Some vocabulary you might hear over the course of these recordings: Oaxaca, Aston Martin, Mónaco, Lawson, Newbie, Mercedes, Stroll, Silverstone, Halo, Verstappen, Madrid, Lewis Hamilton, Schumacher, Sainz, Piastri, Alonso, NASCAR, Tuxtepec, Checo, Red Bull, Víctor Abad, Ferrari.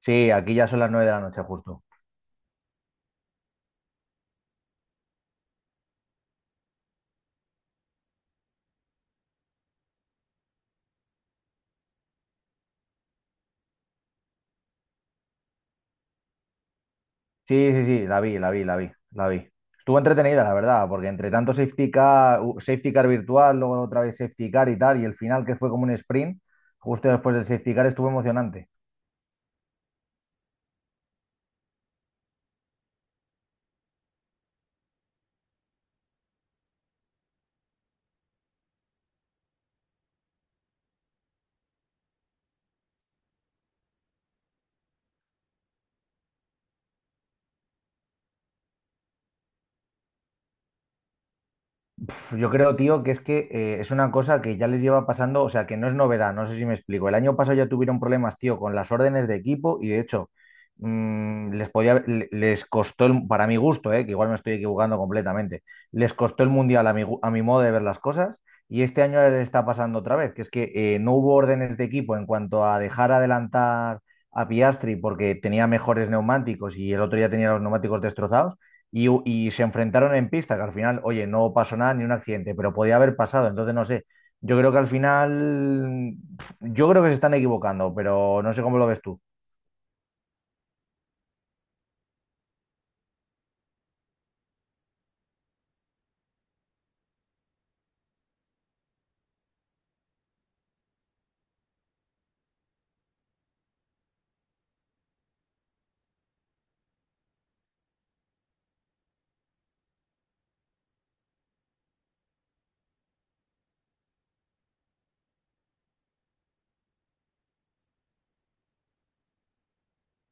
Sí, aquí ya son las 9 de la noche justo. Sí, sí, sí, la vi, la vi, la vi, la vi. Estuvo entretenida, la verdad, porque entre tanto safety car, safety car virtual, luego otra vez safety car y tal, y el final que fue como un sprint, justo después del safety car estuvo emocionante. Pf, yo creo, tío, que es una cosa que ya les lleva pasando, o sea, que no es novedad, no sé si me explico. El año pasado ya tuvieron problemas, tío, con las órdenes de equipo y de hecho les podía, les costó, para mi gusto, que igual me estoy equivocando completamente, les costó el mundial a a mi modo de ver las cosas y este año les está pasando otra vez, que es que no hubo órdenes de equipo en cuanto a dejar adelantar a Piastri porque tenía mejores neumáticos y el otro ya tenía los neumáticos destrozados y se enfrentaron en pista, que al final, oye, no pasó nada ni un accidente, pero podía haber pasado, entonces no sé. Yo creo que al final, yo creo que se están equivocando, pero no sé cómo lo ves tú.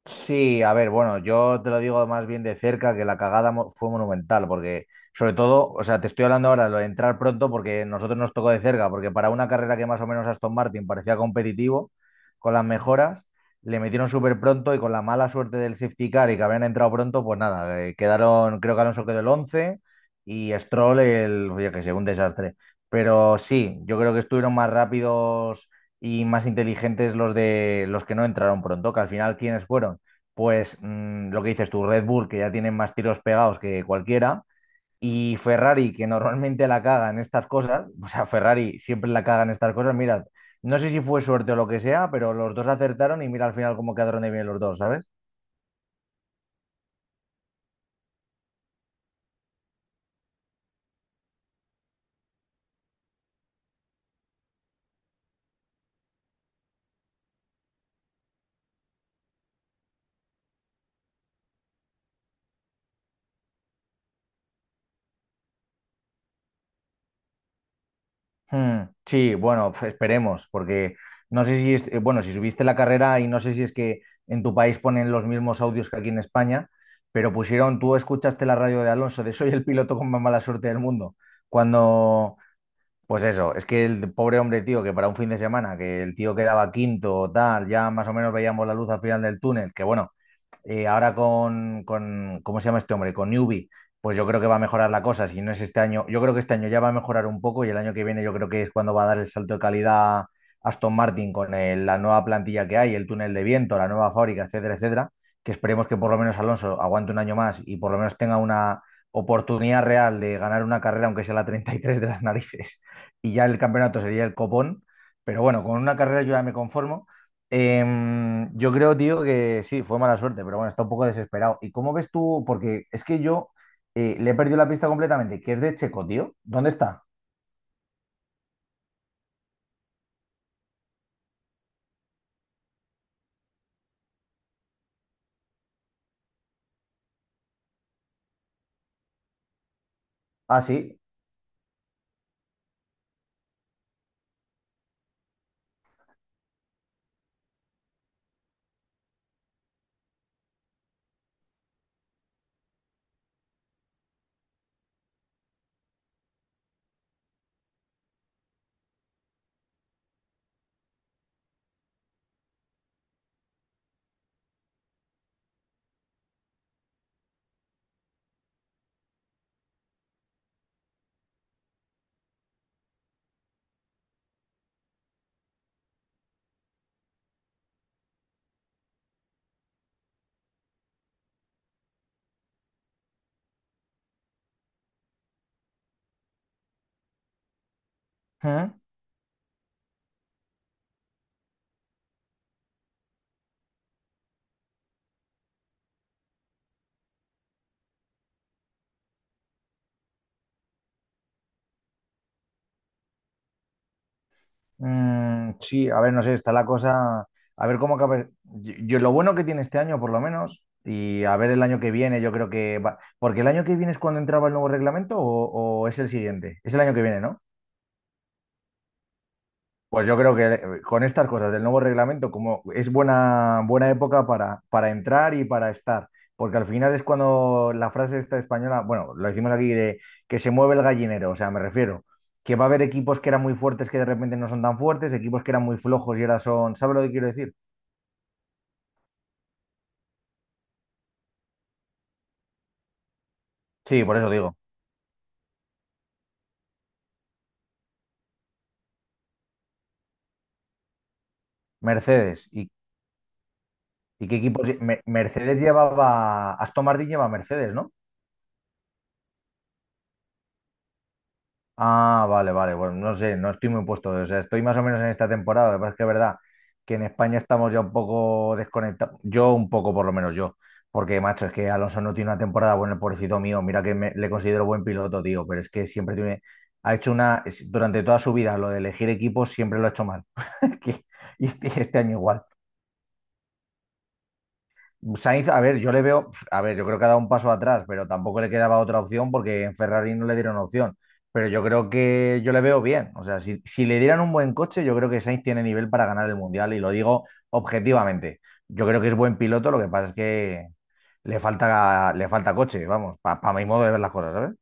Sí, a ver, bueno, yo te lo digo más bien de cerca que la fue monumental, porque sobre todo, o sea, te estoy hablando ahora de lo de entrar pronto porque nosotros nos tocó de cerca, porque para una carrera que más o menos Aston Martin parecía competitivo, con las mejoras, le metieron súper pronto y con la mala suerte del safety car y que habían entrado pronto, pues nada, quedaron, creo que Alonso quedó el 11 y Stroll el, oye, que sé, un desastre. Pero sí, yo creo que estuvieron más rápidos y más inteligentes los de los que no entraron pronto, que al final, ¿quiénes fueron? Pues lo que dices tú, Red Bull, que ya tienen más tiros pegados que cualquiera, y Ferrari, que normalmente la caga en estas cosas, o sea, Ferrari siempre la caga en estas cosas, mirad, no sé si fue suerte o lo que sea, pero los dos acertaron y mira al final cómo quedaron de bien los dos, ¿sabes? Hmm, sí, bueno, pues esperemos, porque no sé si, es, bueno, si subiste la carrera y no sé si es que en tu país ponen los mismos audios que aquí en España, pero pusieron, tú escuchaste la radio de Alonso de soy el piloto con más mala suerte del mundo, cuando... Pues eso, es que el pobre hombre, tío, que para un fin de semana, que el tío quedaba quinto o tal, ya más o menos veíamos la luz al final del túnel, que bueno, ahora con ¿cómo se llama este hombre? Con Newbie, pues yo creo que va a mejorar la cosa. Si no es este año, yo creo que este año ya va a mejorar un poco y el año que viene yo creo que es cuando va a dar el salto de calidad Aston Martin con la nueva plantilla que hay, el túnel de viento, la nueva fábrica, etcétera, etcétera. Que esperemos que por lo menos Alonso aguante un año más y por lo menos tenga una oportunidad real de ganar una carrera, aunque sea la 33 de las narices. Y ya el campeonato sería el copón. Pero bueno, con una carrera yo ya me conformo. Yo creo, tío, que sí, fue mala suerte, pero bueno, está un poco desesperado. ¿Y cómo ves tú? Porque es que yo le he perdido la pista completamente, que es de Checo, tío. ¿Dónde está? Ah, sí. ¿Mm? Mm, sí, a ver, no sé, está la cosa. A ver cómo acaba. Yo lo bueno que tiene este año, por lo menos, y a ver el año que viene, yo creo que va. Porque el año que viene es cuando entraba el nuevo reglamento o es el siguiente. Es el año que viene, ¿no? Pues yo creo que con estas cosas del nuevo reglamento, como es buena época para entrar y para estar, porque al final es cuando la frase esta española, bueno, lo decimos aquí de que se mueve el gallinero, o sea, me refiero, que va a haber equipos que eran muy fuertes que de repente no son tan fuertes, equipos que eran muy flojos y ahora son, ¿sabes lo que quiero decir? Sí, por eso digo, Mercedes. Y qué equipos? Mercedes llevaba, Aston Martin lleva Mercedes, ¿no? Ah, vale, vale. Bueno, no sé, no estoy muy puesto. O sea, estoy más o menos en esta temporada. Lo que pasa es que es verdad que en España estamos ya un poco desconectados. Yo un poco, por lo menos yo. Porque, macho, es que Alonso no tiene una temporada buena, el pobrecito mío. Mira que le considero buen piloto, tío. Pero es que siempre tiene... Ha hecho una... Durante toda su vida, lo de elegir equipos siempre lo ha hecho mal. Que... Y este año igual. Sainz, a ver, yo le veo, a ver, yo creo que ha dado un paso atrás, pero tampoco le quedaba otra opción porque en Ferrari no le dieron opción. Pero yo creo que yo le veo bien. O sea, si le dieran un buen coche, yo creo que Sainz tiene nivel para ganar el Mundial y lo digo objetivamente. Yo creo que es buen piloto, lo que pasa es que le falta coche, vamos, para mi modo de ver las cosas, ¿sabes?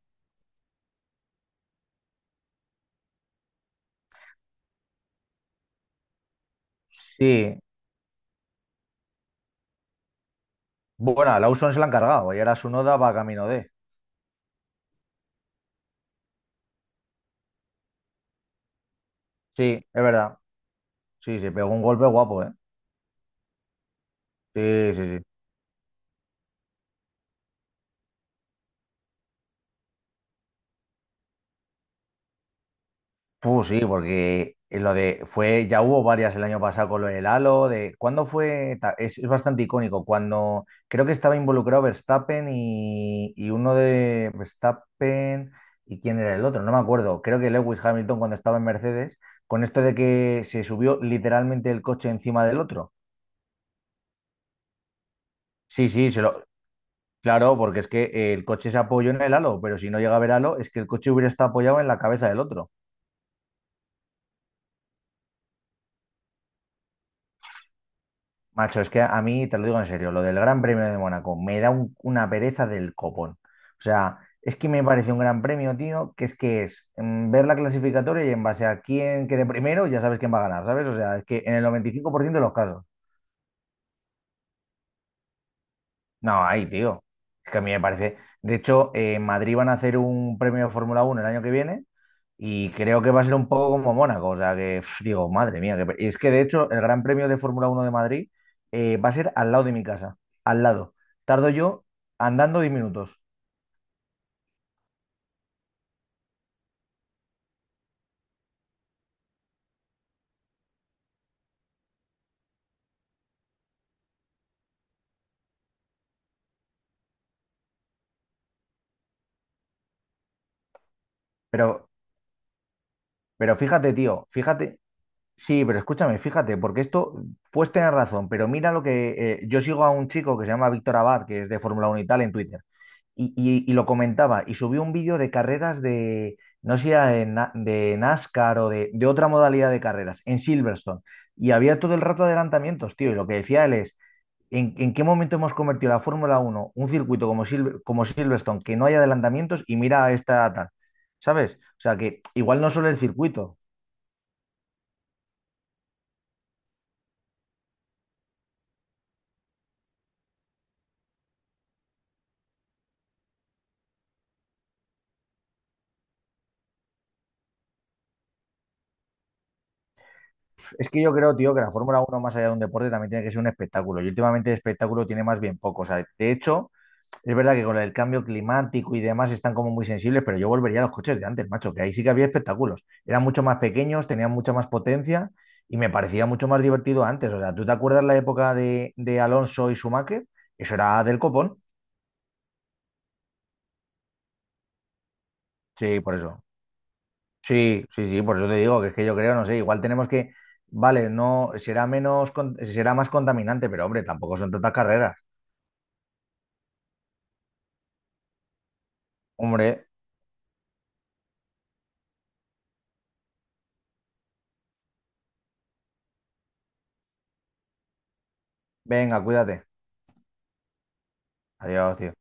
Sí, bueno, a Lawson se la han cargado y ahora su noda va camino de... Sí, es verdad. Sí, se pegó un golpe guapo, ¿eh? Sí, sí, sí. Sí, porque lo de fue, ya hubo varias el año pasado con lo del Halo, de cuándo fue, es bastante icónico, cuando creo que estaba involucrado Verstappen y uno de Verstappen y quién era el otro, no me acuerdo, creo que Lewis Hamilton cuando estaba en Mercedes, con esto de que se subió literalmente el coche encima del otro. Sí, claro, porque es que el coche se apoyó en el Halo, pero si no llega a ver Halo, es que el coche hubiera estado apoyado en la cabeza del otro. Macho, es que a mí, te lo digo en serio, lo del Gran Premio de Mónaco me da una pereza del copón. O sea, es que me parece un gran premio, tío, que es ver la clasificatoria y en base a quién quede primero, ya sabes quién va a ganar, ¿sabes? O sea, es que en el 95% de los casos. No, ahí, tío. Es que a mí me parece. De hecho, en Madrid van a hacer un premio de Fórmula Uno el año que viene y creo que va a ser un poco como Mónaco. O sea, que pf, digo, madre mía. Que es que de hecho, el Gran Premio de Fórmula Uno de Madrid va a ser al lado de mi casa. Al lado. Tardo yo andando 10 minutos. Pero, pero fíjate, tío, fíjate. Sí, pero escúchame, fíjate, porque esto, pues tener razón, pero mira lo que... yo sigo a un chico que se llama Víctor Abad, que es de Fórmula Uno y tal, en Twitter. Y lo comentaba y subió un vídeo de carreras de, no sé si era de, de NASCAR de otra modalidad de carreras en Silverstone. Y había todo el rato adelantamientos, tío. Y lo que decía él es, en qué momento hemos convertido la Fórmula Uno un circuito como, como Silverstone, que no hay adelantamientos y mira a esta tal? ¿Sabes? O sea que igual no solo el circuito. Es que yo creo, tío, que la Fórmula Uno más allá de un deporte, también tiene que ser un espectáculo. Y últimamente el espectáculo tiene más bien poco. O sea, de hecho... Es verdad que con el cambio climático y demás están como muy sensibles, pero yo volvería a los coches de antes, macho, que ahí sí que había espectáculos. Eran mucho más pequeños, tenían mucha más potencia y me parecía mucho más divertido antes. O sea, ¿tú te acuerdas la época de Alonso y Schumacher? Eso era del copón. Sí, por eso. Sí, sí, sí, por eso te digo que es que yo creo, no sé, igual tenemos que, vale, no, será menos, será más contaminante, pero hombre, tampoco son tantas carreras. Hombre, venga, cuídate. Adiós, tío.